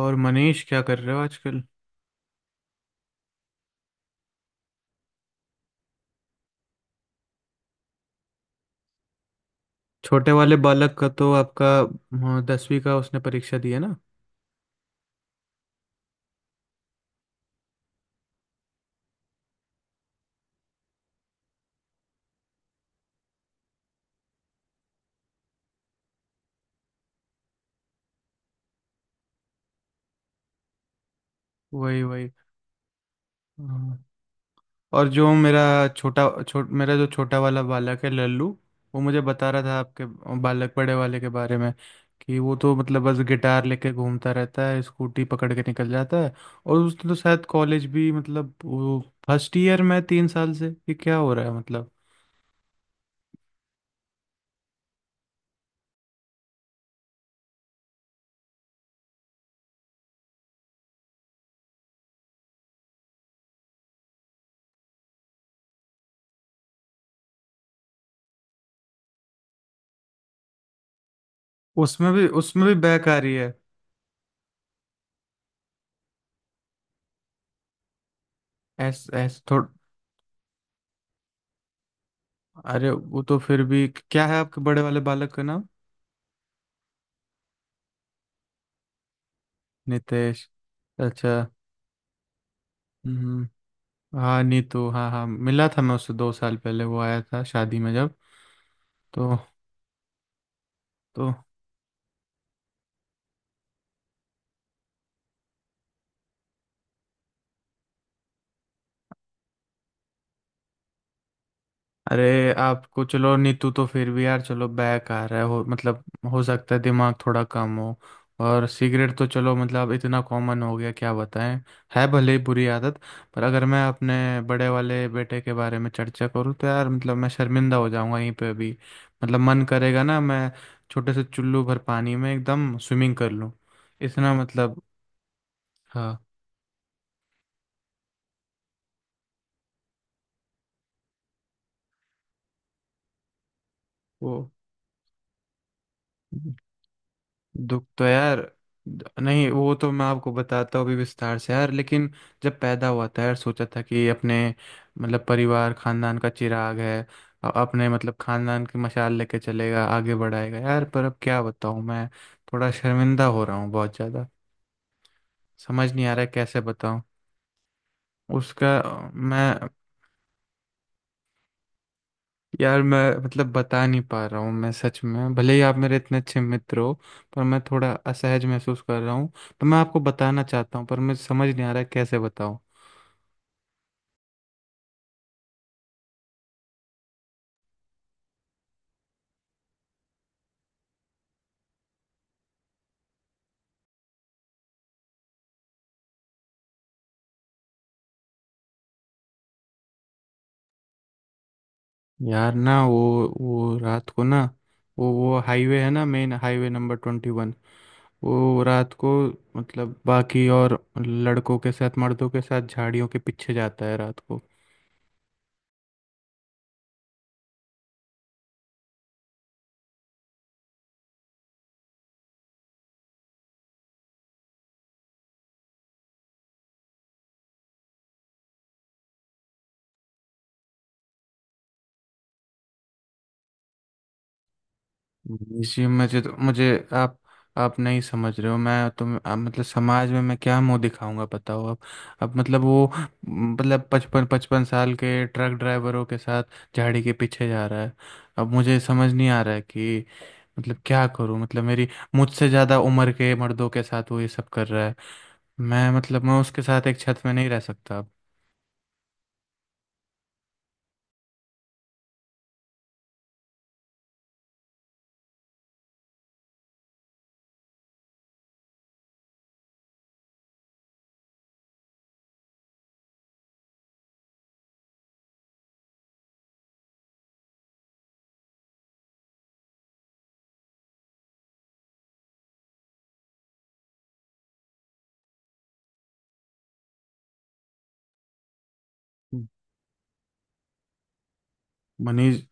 और मनीष, क्या कर रहे हो आजकल। छोटे वाले बालक का तो आपका। हाँ, 10वीं का उसने परीक्षा दी है ना। वही वही। हाँ। और जो मेरा मेरा जो छोटा वाला बालक है, लल्लू। वो मुझे बता रहा था आपके बालक बड़े वाले के बारे में कि वो तो मतलब बस गिटार लेके घूमता रहता है, स्कूटी पकड़ के निकल जाता है। और उसने तो शायद कॉलेज भी, मतलब वो फर्स्ट ईयर में है 3 साल से, ये क्या हो रहा है मतलब। उसमें भी बैक आ रही है। ऐस ऐस थो, अरे वो तो फिर भी, क्या है आपके बड़े वाले बालक का नाम। नितेश। अच्छा। हम्म। हाँ, नीतू, हाँ हाँ, मिला था मैं उससे 2 साल पहले, वो आया था शादी में जब। तो तो, अरे आपको, चलो नीतू तो फिर भी यार, चलो बैक आ रहा है हो मतलब। हो सकता है दिमाग थोड़ा कम हो। और सिगरेट तो चलो मतलब इतना कॉमन हो गया, क्या बताएं। है भले ही बुरी आदत। पर अगर मैं अपने बड़े वाले बेटे के बारे में चर्चा करूँ तो यार मतलब मैं शर्मिंदा हो जाऊंगा यहीं पे अभी। मतलब मन करेगा ना, मैं छोटे से चुल्लू भर पानी में एकदम स्विमिंग कर लूँ। इतना मतलब। हाँ। वो, दुख तो यार। नहीं, वो तो मैं आपको बताता हूँ अभी विस्तार से यार, लेकिन जब पैदा हुआ था यार, सोचा था कि अपने मतलब परिवार खानदान का चिराग है। अपने मतलब खानदान की मशाल लेके चलेगा, आगे बढ़ाएगा यार, पर अब क्या बताऊँ मैं। थोड़ा शर्मिंदा हो रहा हूँ बहुत ज़्यादा। समझ नहीं आ रहा है कैसे बताऊँ। उसका। मैं मैं मतलब बता नहीं पा रहा हूँ, मैं सच में भले ही आप मेरे इतने अच्छे मित्र हो। पर मैं थोड़ा असहज महसूस कर रहा हूँ। तो मैं आपको बताना चाहता हूँ, पर मुझे समझ नहीं आ रहा है कैसे बताऊँ। यार ना, वो रात को ना, वो हाईवे है ना, मेन हाईवे नंबर 21। वो रात को, मतलब बाकी और लड़कों के साथ, मर्दों के साथ, झाड़ियों के पीछे जाता है रात को। जी, मुझे तो मुझे, आप आप नहीं समझ रहे हो, मैं तो आप मतलब, समाज में मैं क्या मुंह दिखाऊंगा बताओ अब। अब मतलब वो, मतलब पचपन पचपन साल के ट्रक ड्राइवरों के साथ झाड़ी के पीछे जा रहा है। अब मुझे समझ नहीं आ रहा है कि मतलब क्या करूं, मतलब मेरी, मुझसे ज़्यादा उम्र के मर्दों के साथ वो ये सब कर रहा है। मैं उसके साथ एक छत में नहीं रह सकता अब। मनीष।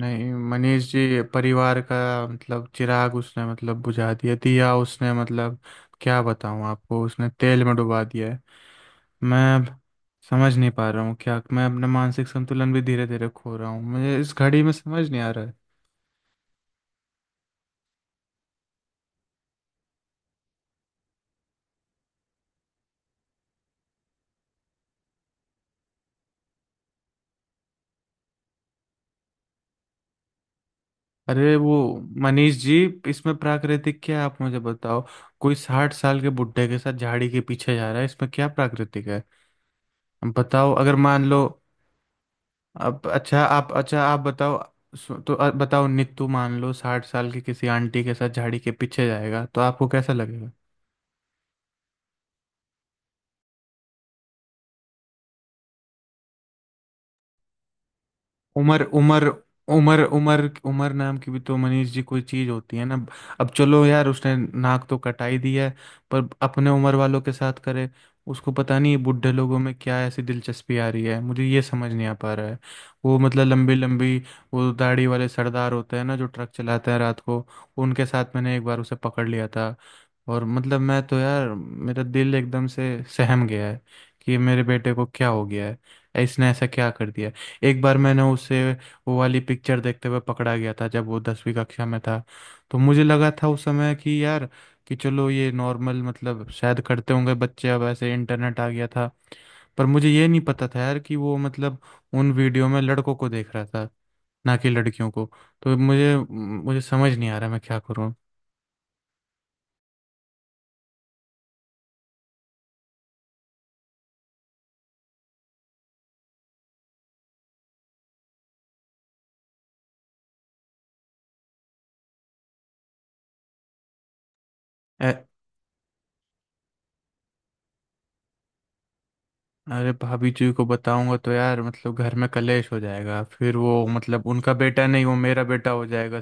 नहीं मनीष जी, परिवार का मतलब चिराग उसने मतलब बुझा दिया दिया उसने मतलब, क्या बताऊं आपको, उसने तेल में डुबा दिया है। मैं अब समझ नहीं पा रहा हूँ, क्या मैं अपना मानसिक संतुलन भी धीरे धीरे खो रहा हूँ, मुझे इस घड़ी में समझ नहीं आ रहा है। अरे वो। मनीष जी, इसमें प्राकृतिक क्या है, आप मुझे बताओ। कोई 60 साल के बुढ़े के साथ झाड़ी के पीछे जा रहा है, इसमें क्या प्राकृतिक है। बताओ, अगर मान लो। अब अच्छा आप बताओ। तो बताओ नित्तू, मान लो 60 साल की किसी आंटी के साथ झाड़ी के पीछे जाएगा तो आपको कैसा लगेगा। उमर उमर उमर उमर उमर नाम की भी तो मनीष जी कोई चीज होती है ना। अब चलो यार, उसने नाक तो कटाई दी है। पर अपने उम्र वालों के साथ करे। उसको पता नहीं बुढ़े लोगों में क्या ऐसी दिलचस्पी आ रही है, मुझे ये समझ नहीं आ पा रहा है। वो मतलब लंबी लंबी, वो दाढ़ी वाले सरदार होते हैं ना, जो ट्रक चलाते हैं रात को, उनके साथ मैंने एक बार उसे पकड़ लिया था। और मतलब मैं तो यार, मेरा दिल एकदम से सहम गया है, कि मेरे बेटे को क्या हो गया है, इसने ऐसा क्या कर दिया। एक बार मैंने उसे वो वाली पिक्चर देखते हुए पकड़ा गया था, जब वो 10वीं कक्षा में था। तो मुझे लगा था उस समय कि यार, कि चलो ये नॉर्मल मतलब शायद करते होंगे बच्चे, अब ऐसे इंटरनेट आ गया था। पर मुझे ये नहीं पता था यार, कि वो मतलब उन वीडियो में लड़कों को देख रहा था, ना कि लड़कियों को। तो मुझे मुझे समझ नहीं आ रहा, मैं क्या करूँ। ए- अरे भाभी जी को बताऊंगा तो यार मतलब घर में कलेश हो जाएगा, फिर वो मतलब उनका बेटा नहीं, वो मेरा बेटा हो जाएगा।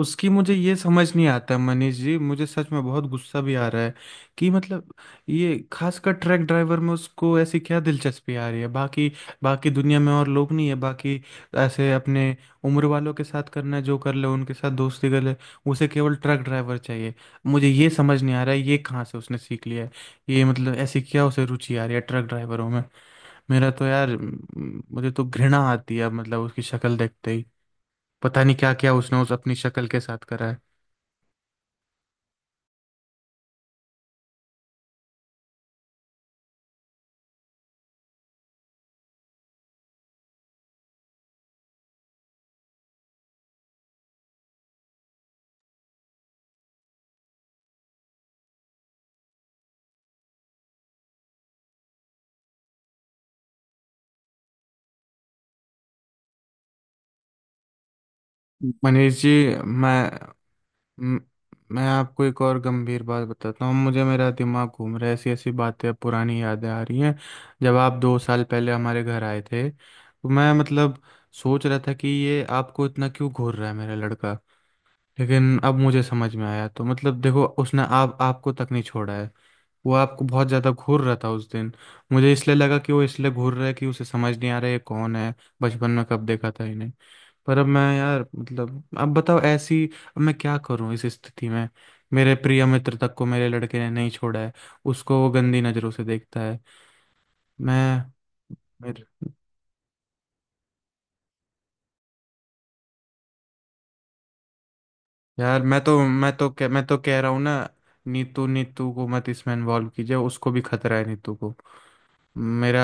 उसकी, मुझे ये समझ नहीं आता मनीष जी, मुझे सच में बहुत गुस्सा भी आ रहा है कि मतलब, ये खासकर ट्रक ड्राइवर में उसको ऐसी क्या दिलचस्पी आ रही है, बाकी बाकी दुनिया में और लोग नहीं है, बाकी ऐसे अपने उम्र वालों के साथ करना है, जो कर ले उनके साथ दोस्ती कर ले। उसे केवल ट्रक ड्राइवर चाहिए। मुझे ये समझ नहीं आ रहा है, ये कहाँ से उसने सीख लिया है, ये मतलब ऐसी क्या उसे रुचि आ रही है ट्रक ड्राइवरों में। मेरा तो यार मुझे तो घृणा आती है मतलब उसकी शक्ल देखते ही। पता नहीं क्या क्या उसने उस अपनी शक्ल के साथ करा है। मनीष जी, मैं म- मैं आपको एक और गंभीर बात बताता हूँ, मुझे मेरा दिमाग घूम रहा है, ऐसी ऐसी बातें, अब पुरानी यादें आ रही हैं। जब आप 2 साल पहले हमारे घर आए थे, तो मैं मतलब सोच रहा था कि ये आपको इतना क्यों घूर रहा है, मेरा लड़का। लेकिन अब मुझे समझ में आया तो मतलब देखो, उसने आप आपको तक नहीं छोड़ा है। वो आपको बहुत ज़्यादा घूर रहा था उस दिन। मुझे इसलिए लगा कि वो इसलिए घूर रहा है कि उसे समझ नहीं आ रहा है ये कौन है, बचपन में कब देखा था इन्हें। पर अब मैं यार मतलब, अब बताओ ऐसी, अब मैं क्या करूं इस स्थिति में। मेरे प्रिय मित्र तक को मेरे लड़के ने नहीं छोड़ा है, उसको वो गंदी नज़रों से देखता है। मैं मेरे- यार मैं तो कह रहा हूँ ना। नीतू नीतू को मत इसमें इन्वॉल्व कीजिए, उसको भी खतरा है नीतू को। मेरा।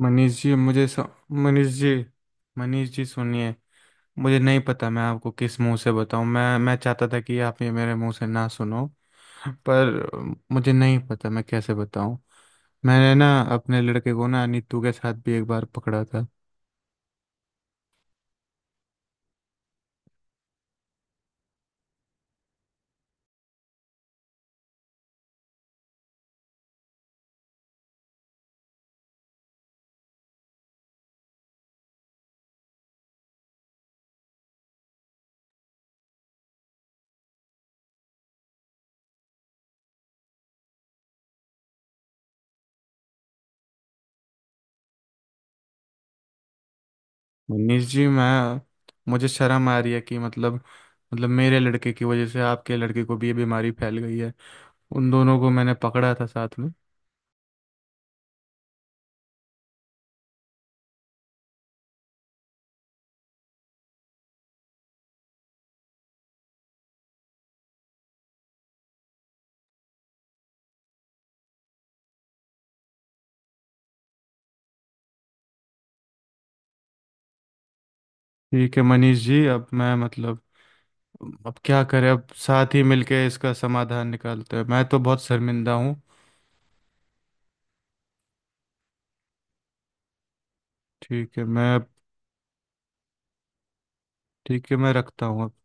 मनीष जी मनीष जी, मनीष जी सुनिए। मुझे नहीं पता मैं आपको किस मुंह से बताऊं, मैं चाहता था कि आप ये मेरे मुंह से ना सुनो। पर मुझे नहीं पता मैं कैसे बताऊं। मैंने ना अपने लड़के को, ना नीतू के साथ भी एक बार पकड़ा था। मनीष जी, मैं, मुझे शर्म आ रही है कि मतलब, मतलब मेरे लड़के की वजह से आपके लड़के को भी ये बीमारी फैल गई है। उन दोनों को मैंने पकड़ा था साथ में। ठीक है मनीष जी, अब मैं मतलब, अब क्या करें, अब साथ ही मिलके इसका समाधान निकालते हैं, मैं तो बहुत शर्मिंदा हूँ। ठीक है, मैं। ठीक है, मैं रखता हूँ अब।